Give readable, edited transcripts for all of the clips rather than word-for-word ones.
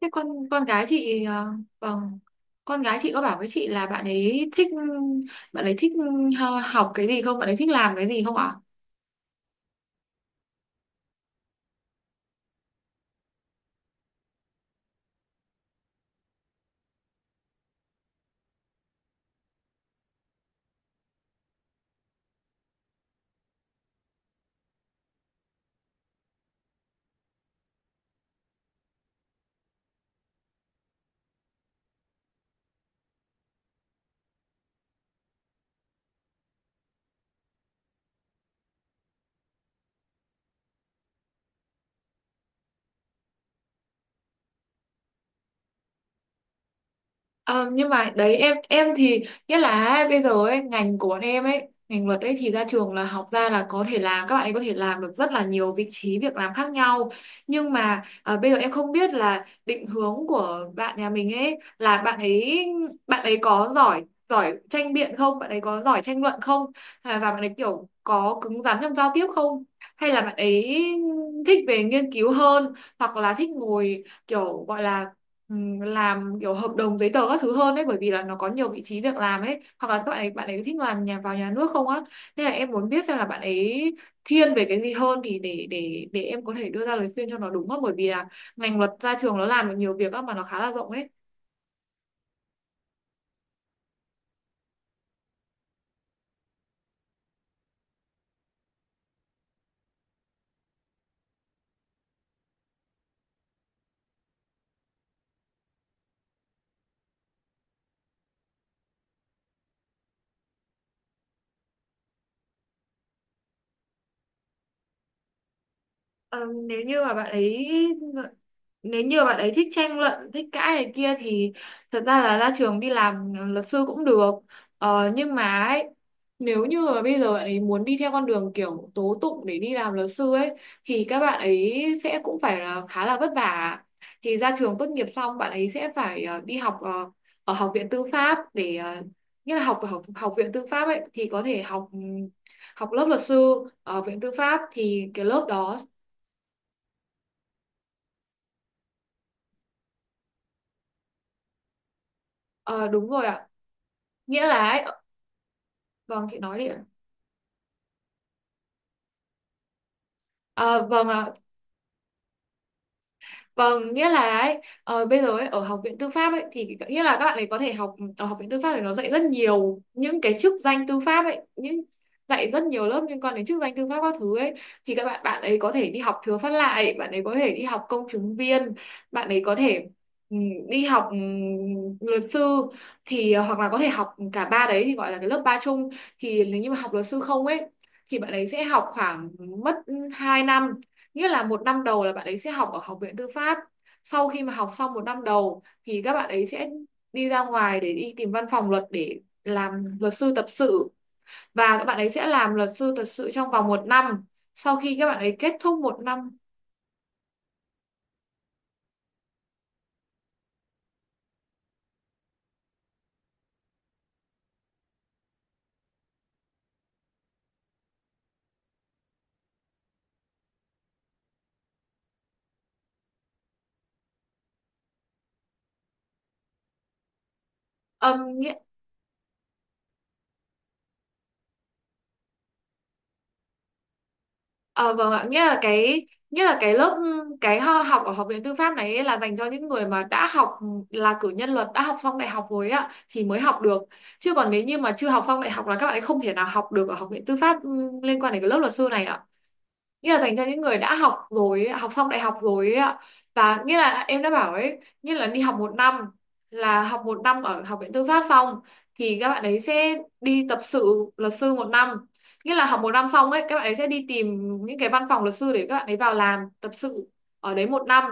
Thế con gái chị, vâng, con gái chị có bảo với chị là bạn ấy thích học cái gì không, bạn ấy thích làm cái gì không ạ? Ờ, nhưng mà đấy em thì nghĩa là bây giờ ấy, ngành của bọn em ấy, ngành luật ấy thì ra trường là học ra là có thể làm, các bạn ấy có thể làm được rất là nhiều vị trí việc làm khác nhau. Nhưng mà bây giờ em không biết là định hướng của bạn nhà mình ấy là bạn ấy có giỏi giỏi tranh biện không, bạn ấy có giỏi tranh luận không, à, và bạn ấy kiểu có cứng rắn trong giao tiếp không, hay là bạn ấy thích về nghiên cứu hơn, hoặc là thích ngồi kiểu gọi là ừ, làm kiểu hợp đồng giấy tờ các thứ hơn đấy, bởi vì là nó có nhiều vị trí việc làm ấy, hoặc là các bạn ấy thích làm nhà vào nhà nước không á. Nên là em muốn biết xem là bạn ấy thiên về cái gì hơn thì để em có thể đưa ra lời khuyên cho nó, đúng không, bởi vì là ngành luật ra trường nó làm được nhiều việc á, mà nó khá là rộng ấy. Ờ, nếu như mà bạn ấy nếu như bạn ấy thích tranh luận, thích cãi này kia thì thật ra là ra trường đi làm luật sư cũng được. Nhưng mà ấy, nếu như mà bây giờ bạn ấy muốn đi theo con đường kiểu tố tụng để đi làm luật sư ấy thì các bạn ấy sẽ cũng phải là khá là vất vả. Thì ra trường tốt nghiệp xong bạn ấy sẽ phải đi học, ở học viện tư pháp, để nghĩa là học ở học viện tư pháp ấy thì có thể học lớp luật sư ở viện tư pháp, thì cái lớp đó. Ờ, Đúng rồi ạ, nghĩa là ấy, vâng, chị nói đi ạ. Ờ, vâng ạ, vâng, nghĩa là ấy, bây giờ ấy, ở học viện tư pháp ấy thì nghĩa là các bạn ấy có thể học ở học viện tư pháp, thì nó dạy rất nhiều những cái chức danh tư pháp ấy, những dạy rất nhiều lớp liên quan đến chức danh tư pháp các thứ ấy, thì các bạn bạn ấy có thể đi học thừa phát lại, bạn ấy có thể đi học công chứng viên, bạn ấy có thể ừ, đi học luật sư, thì hoặc là có thể học cả ba đấy thì gọi là cái lớp ba chung. Thì nếu như mà học luật sư không ấy thì bạn ấy sẽ học khoảng mất 2 năm. Nghĩa là một năm đầu là bạn ấy sẽ học ở học viện tư pháp. Sau khi mà học xong một năm đầu thì các bạn ấy sẽ đi ra ngoài để đi tìm văn phòng luật để làm luật sư tập sự. Và các bạn ấy sẽ làm luật sư tập sự trong vòng một năm. Sau khi các bạn ấy kết thúc một năm, âm nghĩa Ờ, vâng ạ, nghĩa là cái lớp, học ở học viện tư pháp này ấy là dành cho những người mà đã học, là cử nhân luật, đã học xong đại học rồi ạ thì mới học được. Chứ còn nếu như mà chưa học xong đại học là các bạn ấy không thể nào học được ở học viện tư pháp, liên quan đến cái lớp luật sư này ạ, nghĩa là dành cho những người đã học rồi, học xong đại học rồi ấy ạ. Và nghĩa là em đã bảo ấy, nghĩa là đi học một năm, là học một năm ở học viện tư pháp xong thì các bạn ấy sẽ đi tập sự luật sư một năm. Nghĩa là học một năm xong ấy, các bạn ấy sẽ đi tìm những cái văn phòng luật sư để các bạn ấy vào làm tập sự ở đấy một năm.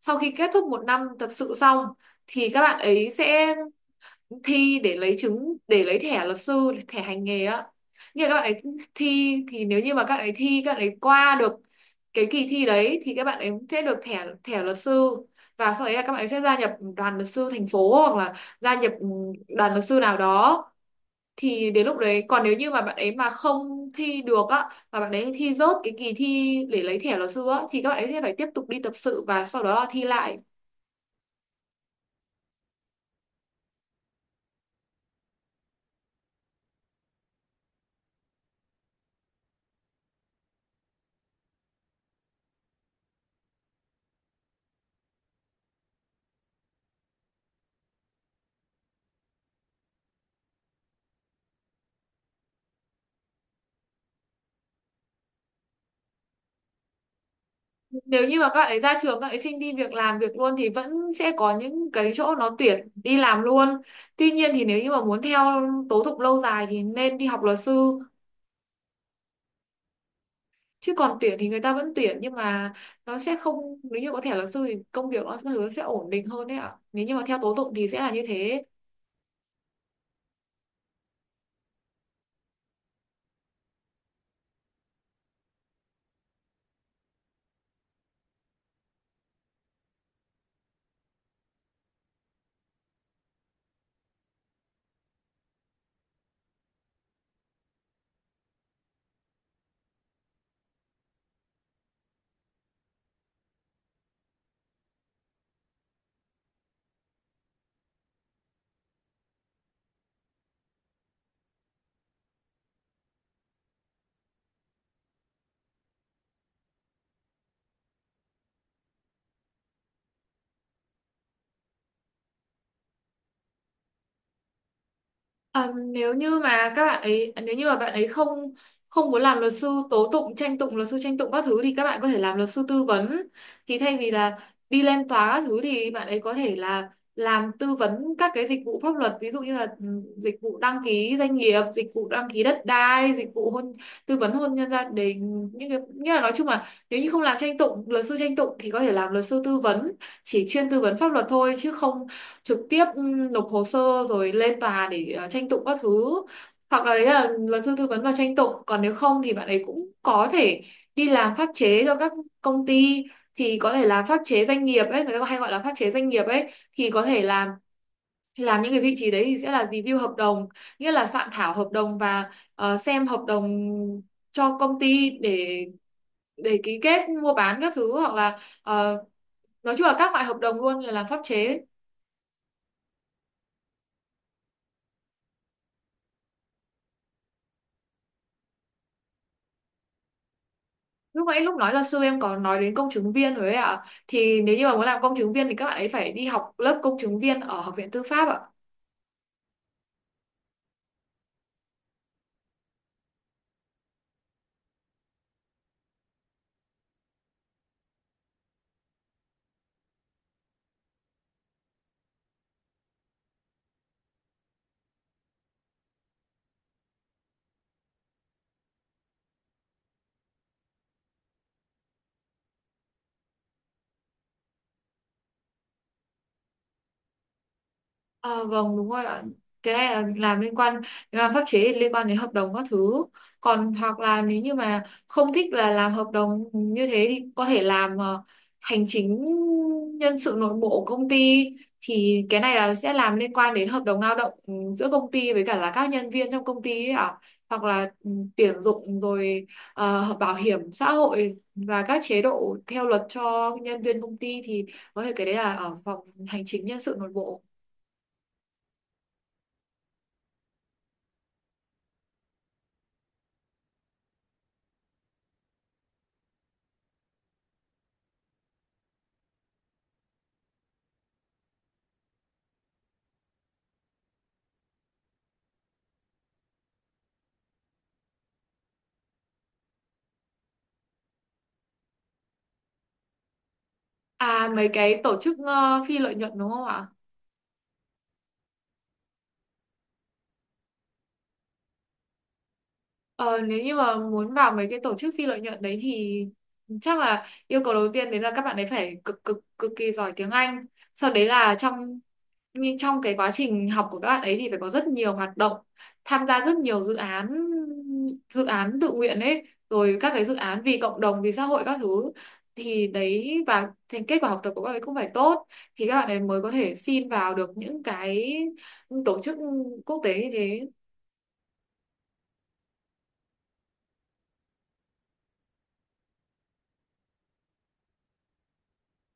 Sau khi kết thúc một năm tập sự xong thì các bạn ấy sẽ thi để lấy chứng, để lấy thẻ luật sư, thẻ hành nghề á, như là các bạn ấy thi, thì nếu như mà các bạn ấy thi, các bạn ấy qua được cái kỳ thi đấy thì các bạn ấy sẽ được thẻ thẻ luật sư, và sau đấy là các bạn ấy sẽ gia nhập đoàn luật sư thành phố, hoặc là gia nhập đoàn luật sư nào đó. Thì đến lúc đấy, còn nếu như mà bạn ấy mà không thi được á, mà bạn ấy thi rớt cái kỳ thi để lấy thẻ luật sư á, thì các bạn ấy sẽ phải tiếp tục đi tập sự và sau đó là thi lại. Nếu như mà các bạn ấy ra trường, các bạn ấy xin đi việc làm việc luôn thì vẫn sẽ có những cái chỗ nó tuyển đi làm luôn. Tuy nhiên thì nếu như mà muốn theo tố thục lâu dài thì nên đi học luật sư, chứ còn tuyển thì người ta vẫn tuyển, nhưng mà nó sẽ không, nếu như có thẻ luật sư thì công việc nó sẽ ổn định hơn đấy ạ, nếu như mà theo tố tụng thì sẽ là như thế. Ờ, nếu như mà các bạn ấy nếu như mà bạn ấy không không muốn làm luật sư tố tụng, tranh tụng, luật sư tranh tụng các thứ, thì các bạn có thể làm luật sư tư vấn. Thì thay vì là đi lên tòa các thứ thì bạn ấy có thể là làm tư vấn các cái dịch vụ pháp luật, ví dụ như là dịch vụ đăng ký doanh nghiệp, dịch vụ đăng ký đất đai, dịch vụ hôn, tư vấn hôn nhân gia đình, những cái như là, nói chung là nếu như không làm tranh tụng, luật sư tranh tụng, thì có thể làm luật sư tư vấn, chỉ chuyên tư vấn pháp luật thôi, chứ không trực tiếp nộp hồ sơ rồi lên tòa để tranh tụng các thứ. Hoặc là đấy là luật sư tư vấn và tranh tụng, còn nếu không thì bạn ấy cũng có thể đi làm pháp chế cho các công ty, thì có thể làm pháp chế doanh nghiệp ấy, người ta hay gọi là pháp chế doanh nghiệp ấy, thì có thể làm những cái vị trí đấy thì sẽ là review hợp đồng, nghĩa là soạn thảo hợp đồng và xem hợp đồng cho công ty, để ký kết mua bán các thứ, hoặc là nói chung là các loại hợp đồng luôn, là làm pháp chế. Lúc nãy lúc nói là sư em có nói đến công chứng viên rồi ấy ạ. Thì nếu như mà muốn làm công chứng viên thì các bạn ấy phải đi học lớp công chứng viên ở Học viện Tư pháp ạ. À, vâng đúng rồi ạ, cái này là làm liên quan, làm pháp chế thì liên quan đến hợp đồng các thứ. Còn hoặc là nếu như mà không thích là làm hợp đồng như thế thì có thể làm hành chính nhân sự nội bộ của công ty, thì cái này là sẽ làm liên quan đến hợp đồng lao động, giữa công ty với cả là các nhân viên trong công ty ấy ạ, hoặc là tuyển dụng, rồi bảo hiểm xã hội và các chế độ theo luật cho nhân viên công ty, thì có thể cái đấy là ở phòng hành chính nhân sự nội bộ. À, mấy cái tổ chức phi lợi nhuận đúng không ạ? Ờ, Nếu như mà muốn vào mấy cái tổ chức phi lợi nhuận đấy thì chắc là yêu cầu đầu tiên đấy là các bạn ấy phải cực cực cực kỳ giỏi tiếng Anh. Sau đấy là trong, nhưng trong cái quá trình học của các bạn ấy thì phải có rất nhiều hoạt động, tham gia rất nhiều dự án, dự án tự nguyện ấy, rồi các cái dự án vì cộng đồng, vì xã hội các thứ, thì đấy, và thành kết quả học tập của các bạn ấy cũng phải tốt thì các bạn ấy mới có thể xin vào được những cái tổ chức quốc tế như thế.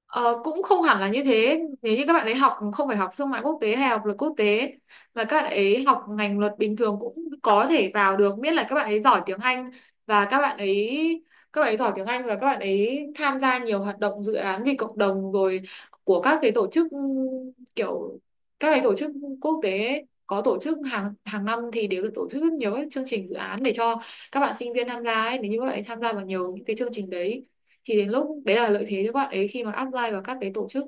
Ờ, cũng không hẳn là như thế, nếu như các bạn ấy học không phải học thương mại quốc tế hay học luật quốc tế, mà các bạn ấy học ngành luật bình thường cũng có thể vào được, miễn là các bạn ấy giỏi tiếng Anh và các bạn ấy giỏi tiếng Anh và các bạn ấy tham gia nhiều hoạt động dự án vì cộng đồng, rồi của các cái tổ chức, kiểu các cái tổ chức quốc tế ấy, có tổ chức hàng hàng năm thì đều được tổ chức rất nhiều các chương trình dự án để cho các bạn sinh viên tham gia ấy, nếu như các bạn ấy tham gia vào nhiều những cái chương trình đấy thì đến lúc đấy là lợi thế cho các bạn ấy khi mà apply vào các cái tổ chức.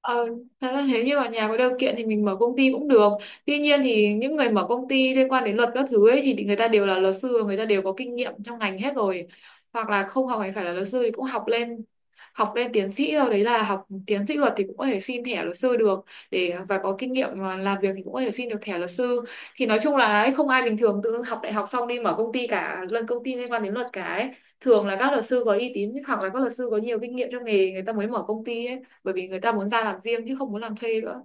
Ờ, thật ra thế như ở nhà có điều kiện thì mình mở công ty cũng được. Tuy nhiên thì những người mở công ty liên quan đến luật các thứ ấy thì người ta đều là luật sư, và người ta đều có kinh nghiệm trong ngành hết rồi. Hoặc là không học hành phải là luật sư thì cũng học lên, học lên tiến sĩ rồi, đấy là học tiến sĩ luật thì cũng có thể xin thẻ luật sư được, để và có kinh nghiệm mà làm việc thì cũng có thể xin được thẻ luật sư. Thì nói chung là ấy, không ai bình thường tự học đại học xong đi mở công ty cả, lần công ty liên quan đến luật cả ấy, thường là các luật sư có uy tín hoặc là các luật sư có nhiều kinh nghiệm trong nghề người ta mới mở công ty ấy, bởi vì người ta muốn ra làm riêng chứ không muốn làm thuê nữa.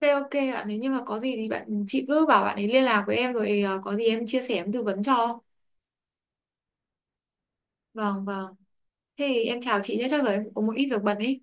Thế ok ạ, nếu như mà có gì thì bạn chị cứ bảo bạn ấy liên lạc với em, rồi có gì em chia sẻ, em tư vấn cho. Vâng vâng. Thế thì em chào chị nhé, chắc rồi em cũng có một ít việc bận ý.